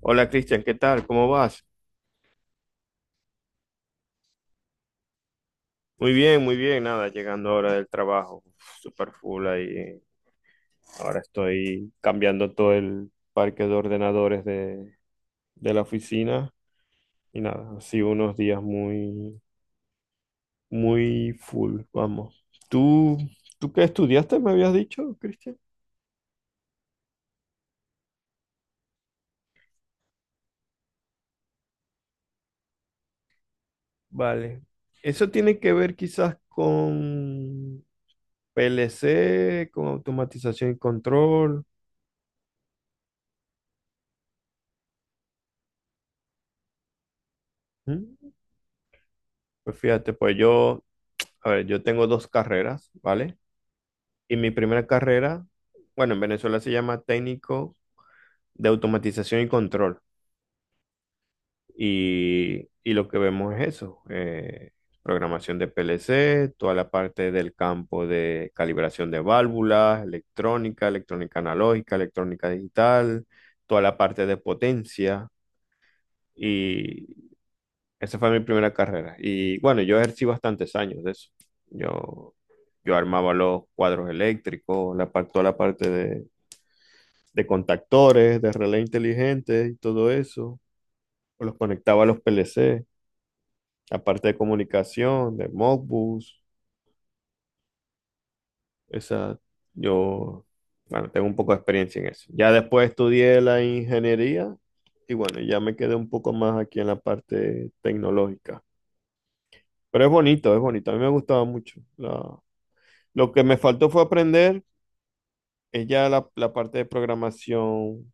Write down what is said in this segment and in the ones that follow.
Hola Cristian, ¿qué tal? ¿Cómo vas? Muy bien, muy bien. Nada, llegando ahora del trabajo, super full ahí. Ahora estoy cambiando todo el parque de ordenadores de la oficina y nada, así unos días muy, muy full, vamos. ¿Tú qué estudiaste, me habías dicho, Cristian? Vale. Eso tiene que ver quizás con PLC, con automatización y control. ¿Mm? Pues fíjate, pues yo, a ver, yo tengo dos carreras, ¿vale? Y mi primera carrera, bueno, en Venezuela se llama técnico de automatización y control. Y lo que vemos es eso, programación de PLC, toda la parte del campo de calibración de válvulas, electrónica, electrónica analógica, electrónica digital, toda la parte de potencia. Esa fue mi primera carrera. Y bueno, yo ejercí bastantes años de eso. Yo, yo armaba los cuadros eléctricos, toda la parte de contactores, de relé inteligente y todo eso. Los conectaba a los PLC, la parte de comunicación, de Modbus. Esa, yo, bueno, tengo un poco de experiencia en eso. Ya después estudié la ingeniería y bueno, ya me quedé un poco más aquí en la parte tecnológica. Pero es bonito, es bonito. A mí me gustaba mucho. Lo que me faltó fue aprender es ya la parte de programación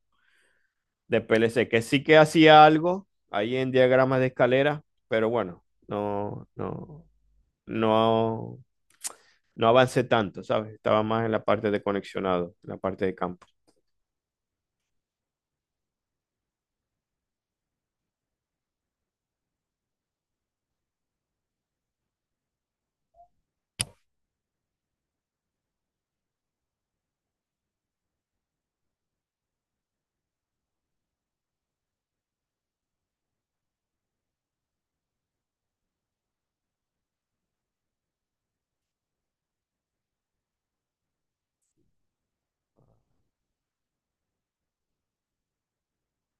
de PLC, que sí que hacía algo ahí en diagramas de escalera, pero bueno, no, no avancé tanto, ¿sabes? Estaba más en la parte de conexionado, en la parte de campo.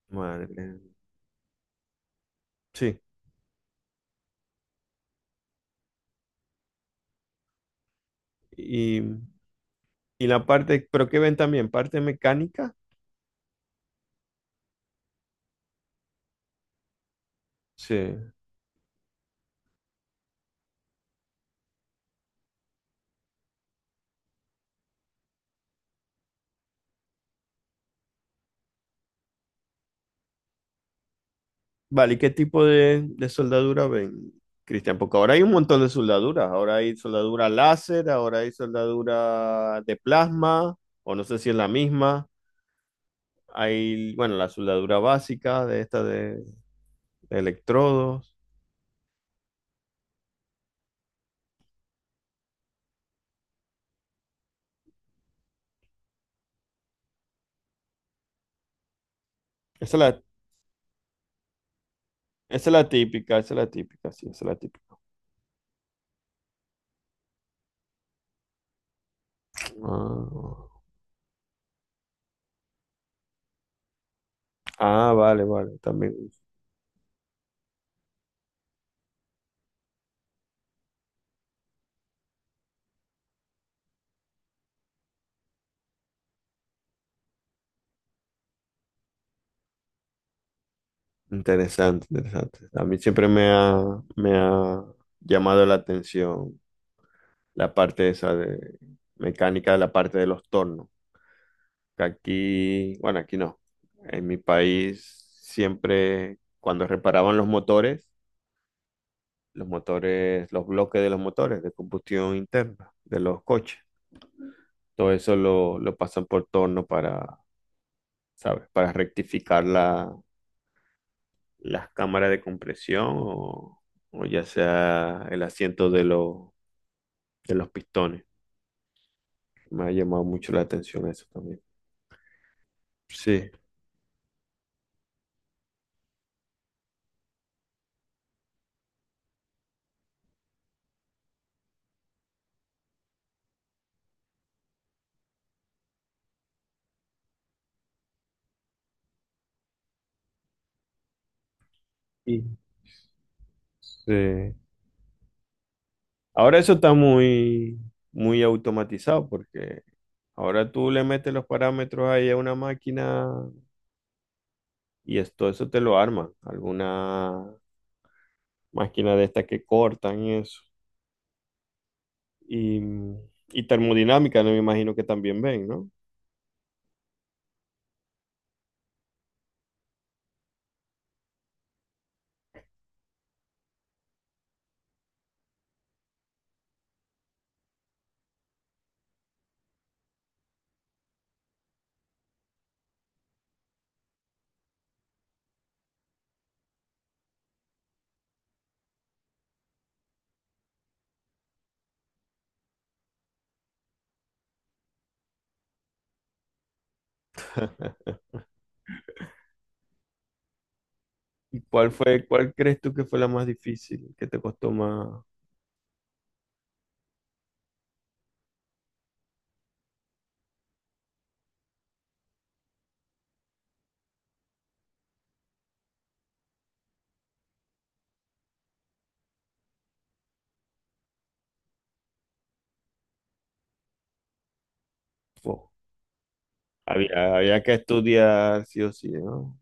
Madre mía. Sí. Y, y la parte, pero ¿qué ven también? ¿Parte mecánica? Sí. Vale, ¿y qué tipo de soldadura ven, Cristian? Porque ahora hay un montón de soldaduras. Ahora hay soldadura láser, ahora hay soldadura de plasma, o no sé si es la misma. Bueno, la soldadura básica de esta de electrodos. Esa es la, esa es la típica, esa es la típica, sí, esa es la típica. Ah, ah, vale, vale, también. Interesante, interesante. A mí siempre me ha llamado la atención la parte esa de mecánica de la parte de los tornos. Aquí, bueno, aquí no. En mi país siempre, cuando reparaban los motores, los bloques de los motores de combustión interna de los coches, todo eso lo pasan por torno para, ¿sabes? Para rectificar las cámaras de compresión o ya sea el asiento de los pistones. Me ha llamado mucho la atención eso también. Sí. Sí. Sí. Ahora eso está muy, muy automatizado porque ahora tú le metes los parámetros ahí a una máquina y esto, eso te lo arma. Alguna máquina de estas que cortan y eso. Y, y termodinámica, no me imagino que también ven, ¿no? ¿Y cuál crees tú que fue la más difícil, que te costó más? Fua. Había que estudiar sí o sí, ¿no?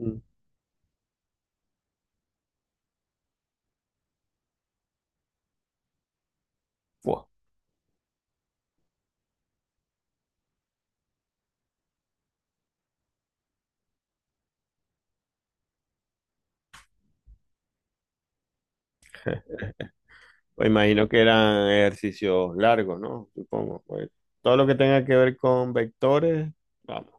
Mm, fua. Pues imagino que eran ejercicios largos, ¿no? Supongo. Pues todo lo que tenga que ver con vectores, vamos.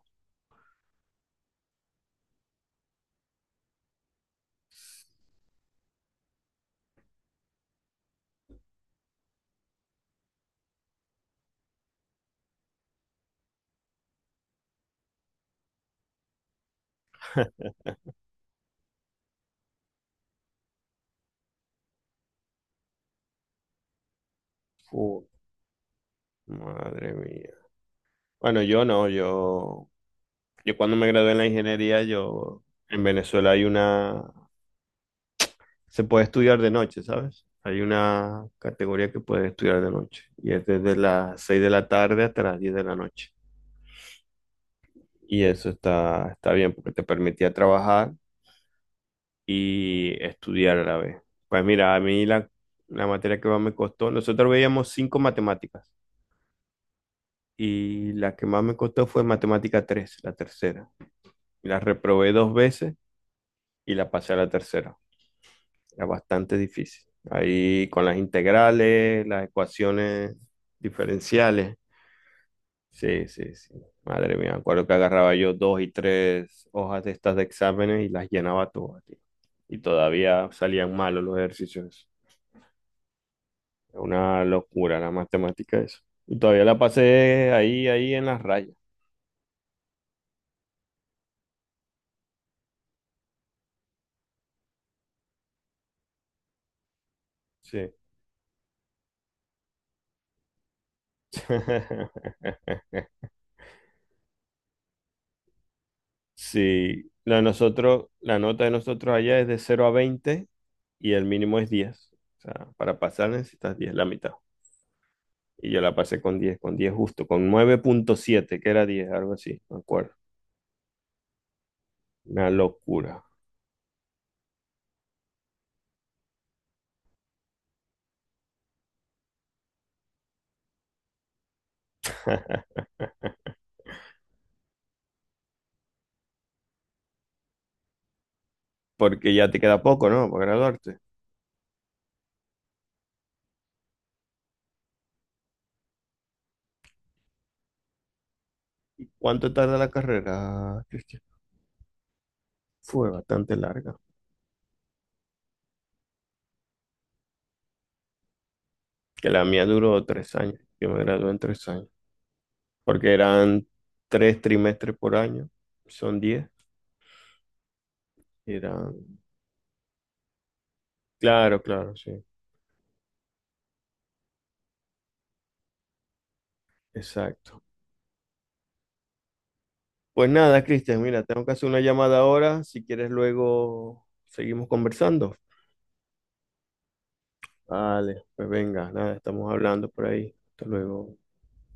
Uh, madre mía. Bueno, yo no, yo cuando me gradué en la ingeniería, yo en Venezuela hay una, se puede estudiar de noche, ¿sabes? Hay una categoría que puedes estudiar de noche y es desde las 6 de la tarde hasta las 10 de la noche. Y eso está bien porque te permitía trabajar y estudiar a la vez. Pues mira, a mí la materia que más me costó, nosotros veíamos cinco matemáticas y la que más me costó fue matemática 3, la tercera. La reprobé dos veces y la pasé a la tercera. Era bastante difícil. Ahí con las integrales, las ecuaciones diferenciales. Sí, sí, sí. Madre mía, me acuerdo que agarraba yo dos y tres hojas de estas de exámenes y las llenaba todas, tío. Y todavía salían malos los ejercicios. Es una locura la matemática eso. Y todavía la pasé ahí, ahí en las rayas. Sí. Sí. La de nosotros, la nota de nosotros allá es de cero a 20 y el mínimo es 10. O sea, para pasar necesitas 10 la mitad. Y yo la pasé con 10 con 10 justo, con 9,7 que era 10 algo así, me acuerdo. Una locura. Porque ya te queda poco, ¿no? Para graduarte. ¿Cuánto tarda la carrera, Cristian? Fue bastante larga, que la mía duró 3 años. Yo me gradué en 3 años, porque eran 3 trimestres por año, son 10. Eran, claro, claro, sí, exacto. Pues nada, Cristian, mira, tengo que hacer una llamada ahora. Si quieres, luego seguimos conversando. Vale, pues venga, nada, estamos hablando por ahí. Hasta luego.